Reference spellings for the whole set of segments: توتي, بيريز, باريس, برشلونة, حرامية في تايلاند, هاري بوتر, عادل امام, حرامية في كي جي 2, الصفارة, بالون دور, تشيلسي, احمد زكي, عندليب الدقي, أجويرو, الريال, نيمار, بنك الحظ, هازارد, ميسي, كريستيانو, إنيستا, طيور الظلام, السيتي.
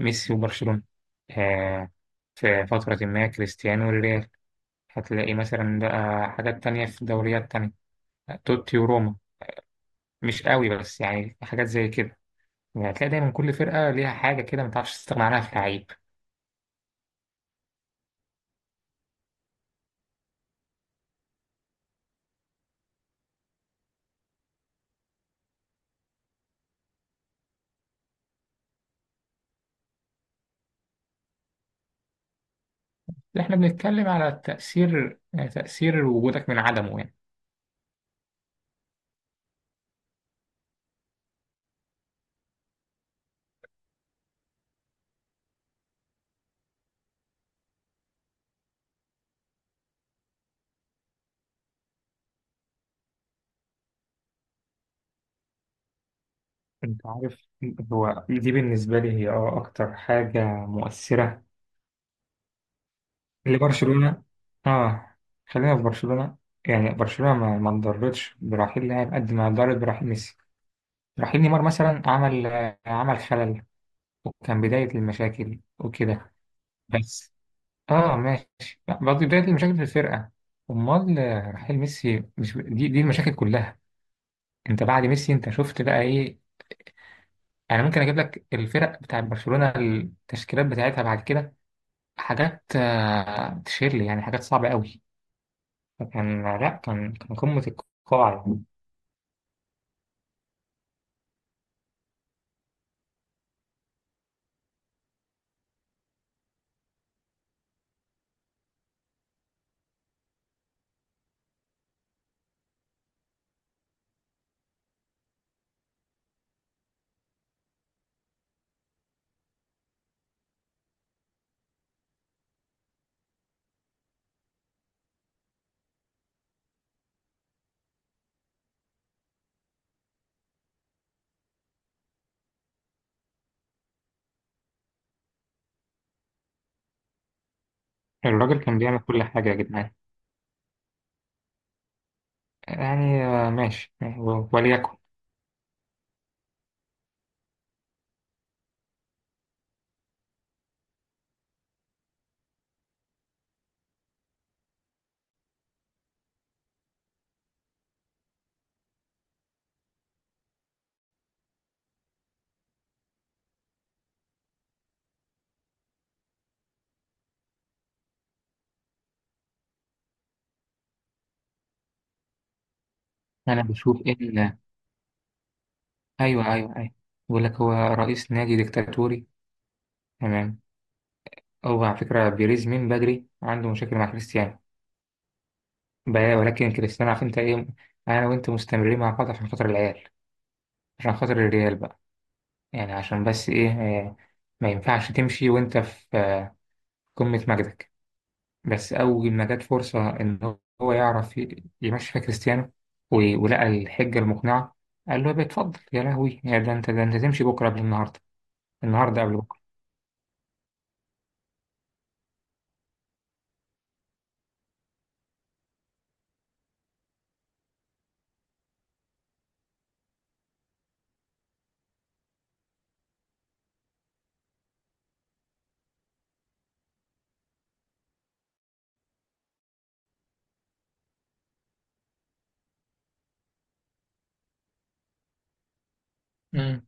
ميسي وبرشلونة. آه، في فترة ما كريستيانو والريال. هتلاقي مثلا بقى حاجات تانية في دوريات تانية، توتي وروما، مش قوي بس يعني حاجات زي كده. يعني هتلاقي دايما كل فرقة ليها حاجة كده ما تعرفش تستغنى عنها في لعيب. احنا بنتكلم على تأثير، تأثير وجودك من عدمه يعني. انت عارف، هو دي بالنسبة لي هي اه أكتر حاجة مؤثرة لبرشلونة. اه، خلينا في برشلونة. يعني برشلونة ما انضرتش برحيل لاعب قد ما انضرت برحيل ميسي. رحيل نيمار مثلا عمل، عمل خلل، وكان بداية المشاكل وكده. بس اه ماشي، برضه بداية المشاكل في الفرقة. امال رحيل ميسي مش دي المشاكل كلها؟ انت بعد ميسي انت شفت بقى ايه؟ انا ممكن اجيب لك الفرق بتاع برشلونة، التشكيلات بتاعتها بعد كده، حاجات تشير لي، يعني حاجات صعبة قوي. فكان لا كان قمة القاع يعني. الراجل كان بيعمل كل حاجة يا جدعان. يعني ماشي يعني، وليكن. انا بشوف ان، ايوه ايوه ايوه، بيقول لك هو رئيس نادي ديكتاتوري. تمام. هو على فكره بيريز من بدري عنده مشاكل مع كريستيانو. ولكن كريستيانو، عارف انت ايه، انا وانت مستمرين مع بعض عشان خاطر العيال، عشان خاطر الريال بقى. يعني عشان بس ايه، ما ينفعش تمشي وانت في، قمه مجدك. بس اول ما جت فرصه ان هو يعرف يمشي فيها كريستيانو، ولقى الحجه المقنعه، قال له يا بيه اتفضل، يا لهوي يا ده انت ده انت تمشي بكره قبل النهارده، النهارده قبل بكره.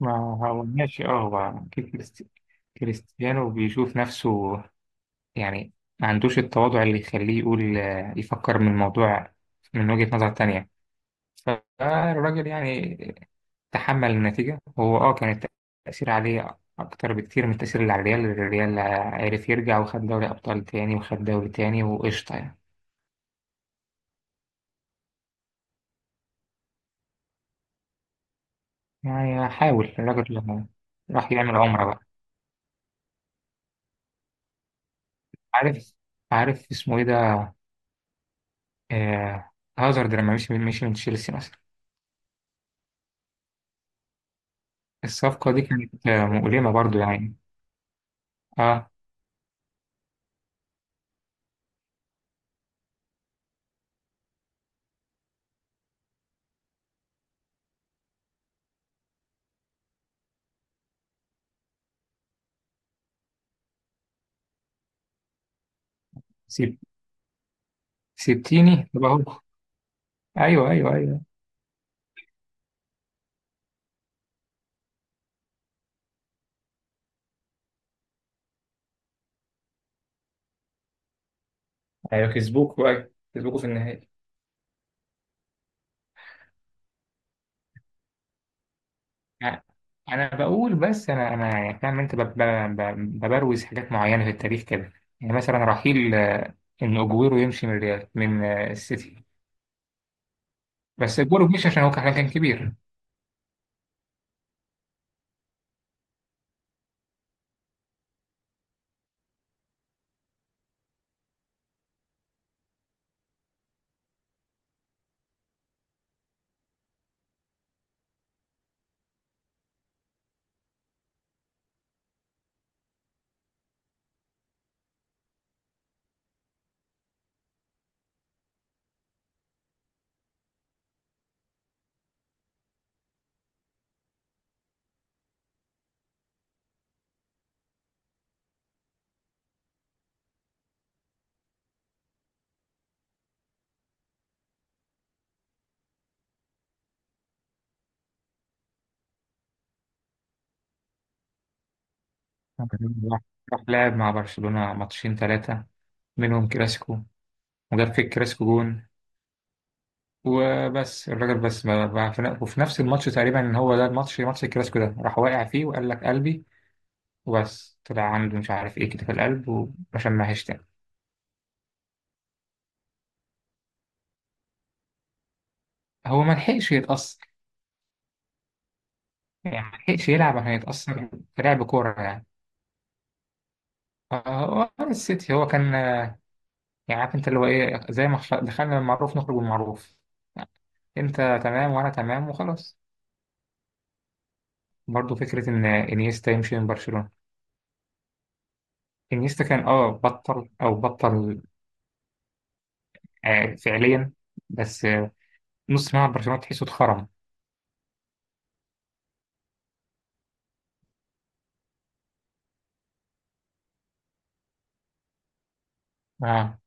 ما هو ماشي، اه هو أكيد كريستيانو بيشوف نفسه. يعني ما عندوش التواضع اللي يخليه يقول، يفكر من الموضوع من وجهة نظر تانية. فالراجل يعني تحمل النتيجة، هو اه كان التأثير عليه أكتر بكتير من التأثير اللي على الريال. الريال عرف يرجع وخد دوري أبطال تاني وخد دوري تاني وقشطة يعني. يعني حاول الراجل لما راح يعمل عمرة بقى. عارف، عارف اسمه ايه ده، آه، هازارد لما مشي، من تشيلسي مثلا. الصفقة دي كانت مؤلمة برضو يعني. اه. سيب، سبتيني طب اهو. ايوه ايوه ايوه ايوه، كسبوك بقى، كسبوكوا في النهائي. يعني انا بقول بس، انا انا يعني فاهم انت ببروز حاجات معينة في التاريخ كده. يعني مثلا رحيل ان اجويرو يمشي من ريال من السيتي. بس اجويرو مش عشان هو كان كبير. راح، راح لعب مع برشلونة ماتشين ثلاثة، منهم كلاسيكو، وجاب في الكلاسيكو جون. وبس الراجل بس في وفي نفس الماتش تقريبا، ان هو ده الماتش، ماتش الكلاسيكو ده، راح واقع فيه وقال لك قلبي. وبس طلع عنده مش عارف ايه كده في القلب، وعشان ما تاني. هو ما لحقش يتأثر، يعني ما لحقش يلعب عشان يتأثر، في لعب كورة يعني. هو السيتي هو كان، يعني عارف انت اللي هو ايه، زي ما دخلنا المعروف نخرج بالمعروف. انت تمام وانا تمام وخلاص. برضو فكرة ان انيستا يمشي من برشلونة. انيستا كان اه بطل او بطل، فعليا. بس نص ملعب برشلونة تحسه اتخرم. اه.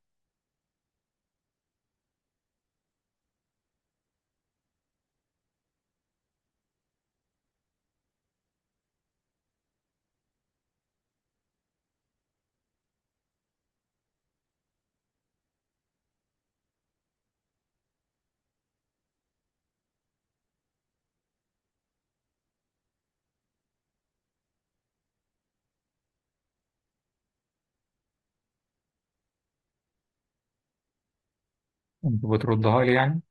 انت بتردها لي يعني.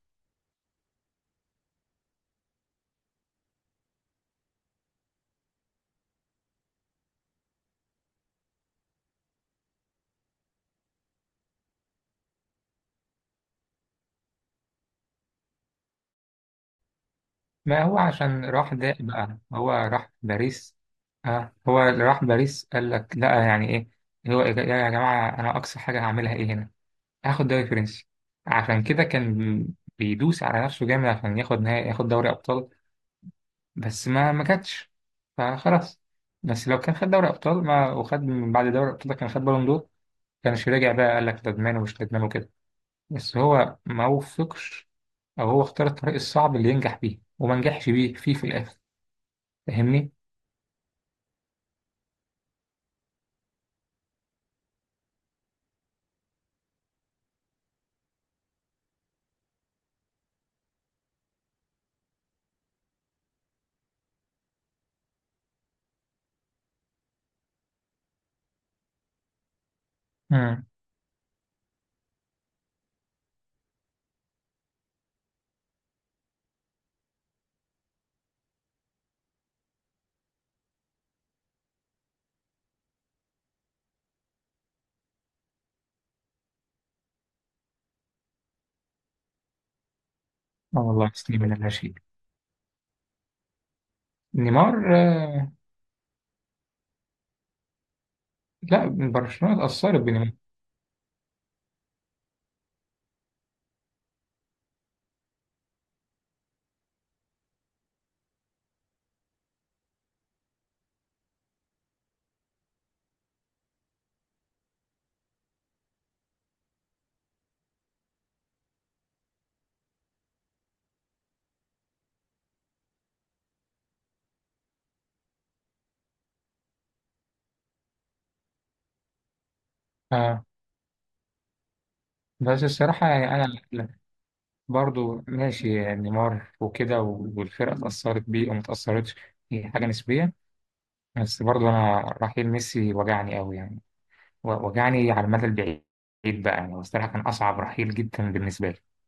ما هو عشان راح ده بقى، هو راح باريس. اه، هو اللي راح باريس قال لك لا، يعني ايه هو، إيه يا يا جماعة، انا اقصى حاجة هعملها ايه هنا؟ هاخد دوري فرنسي. عشان كده كان بيدوس على نفسه جامد عشان ياخد نهائي، ياخد دوري ابطال. بس ما كانتش، فخلاص. بس لو كان خد دوري ابطال، ما وخد من بعد دوري الابطال ده كان خد بالون دور، كانش راجع بقى قال لك ندمان ومش ندمان وكده. بس هو ما وفقش، او هو اختار الطريق الصعب اللي ينجح بيه وما نجحش بيه فيه في الاخر. فاهمني؟ امم. اه والله تسليم من لا شيء. نيمار آه. لا، برشلونة اتأثرت بنيمار. آه بس الصراحة يعني أنا لا، برضو ماشي يعني نيمار وكده والفرقة اتأثرت بيه وما اتأثرتش، هي حاجة نسبية. بس برضو أنا رحيل ميسي وجعني أوي يعني، وجعني على المدى البعيد بقى. يعني الصراحة كان أصعب رحيل جدا بالنسبة لي.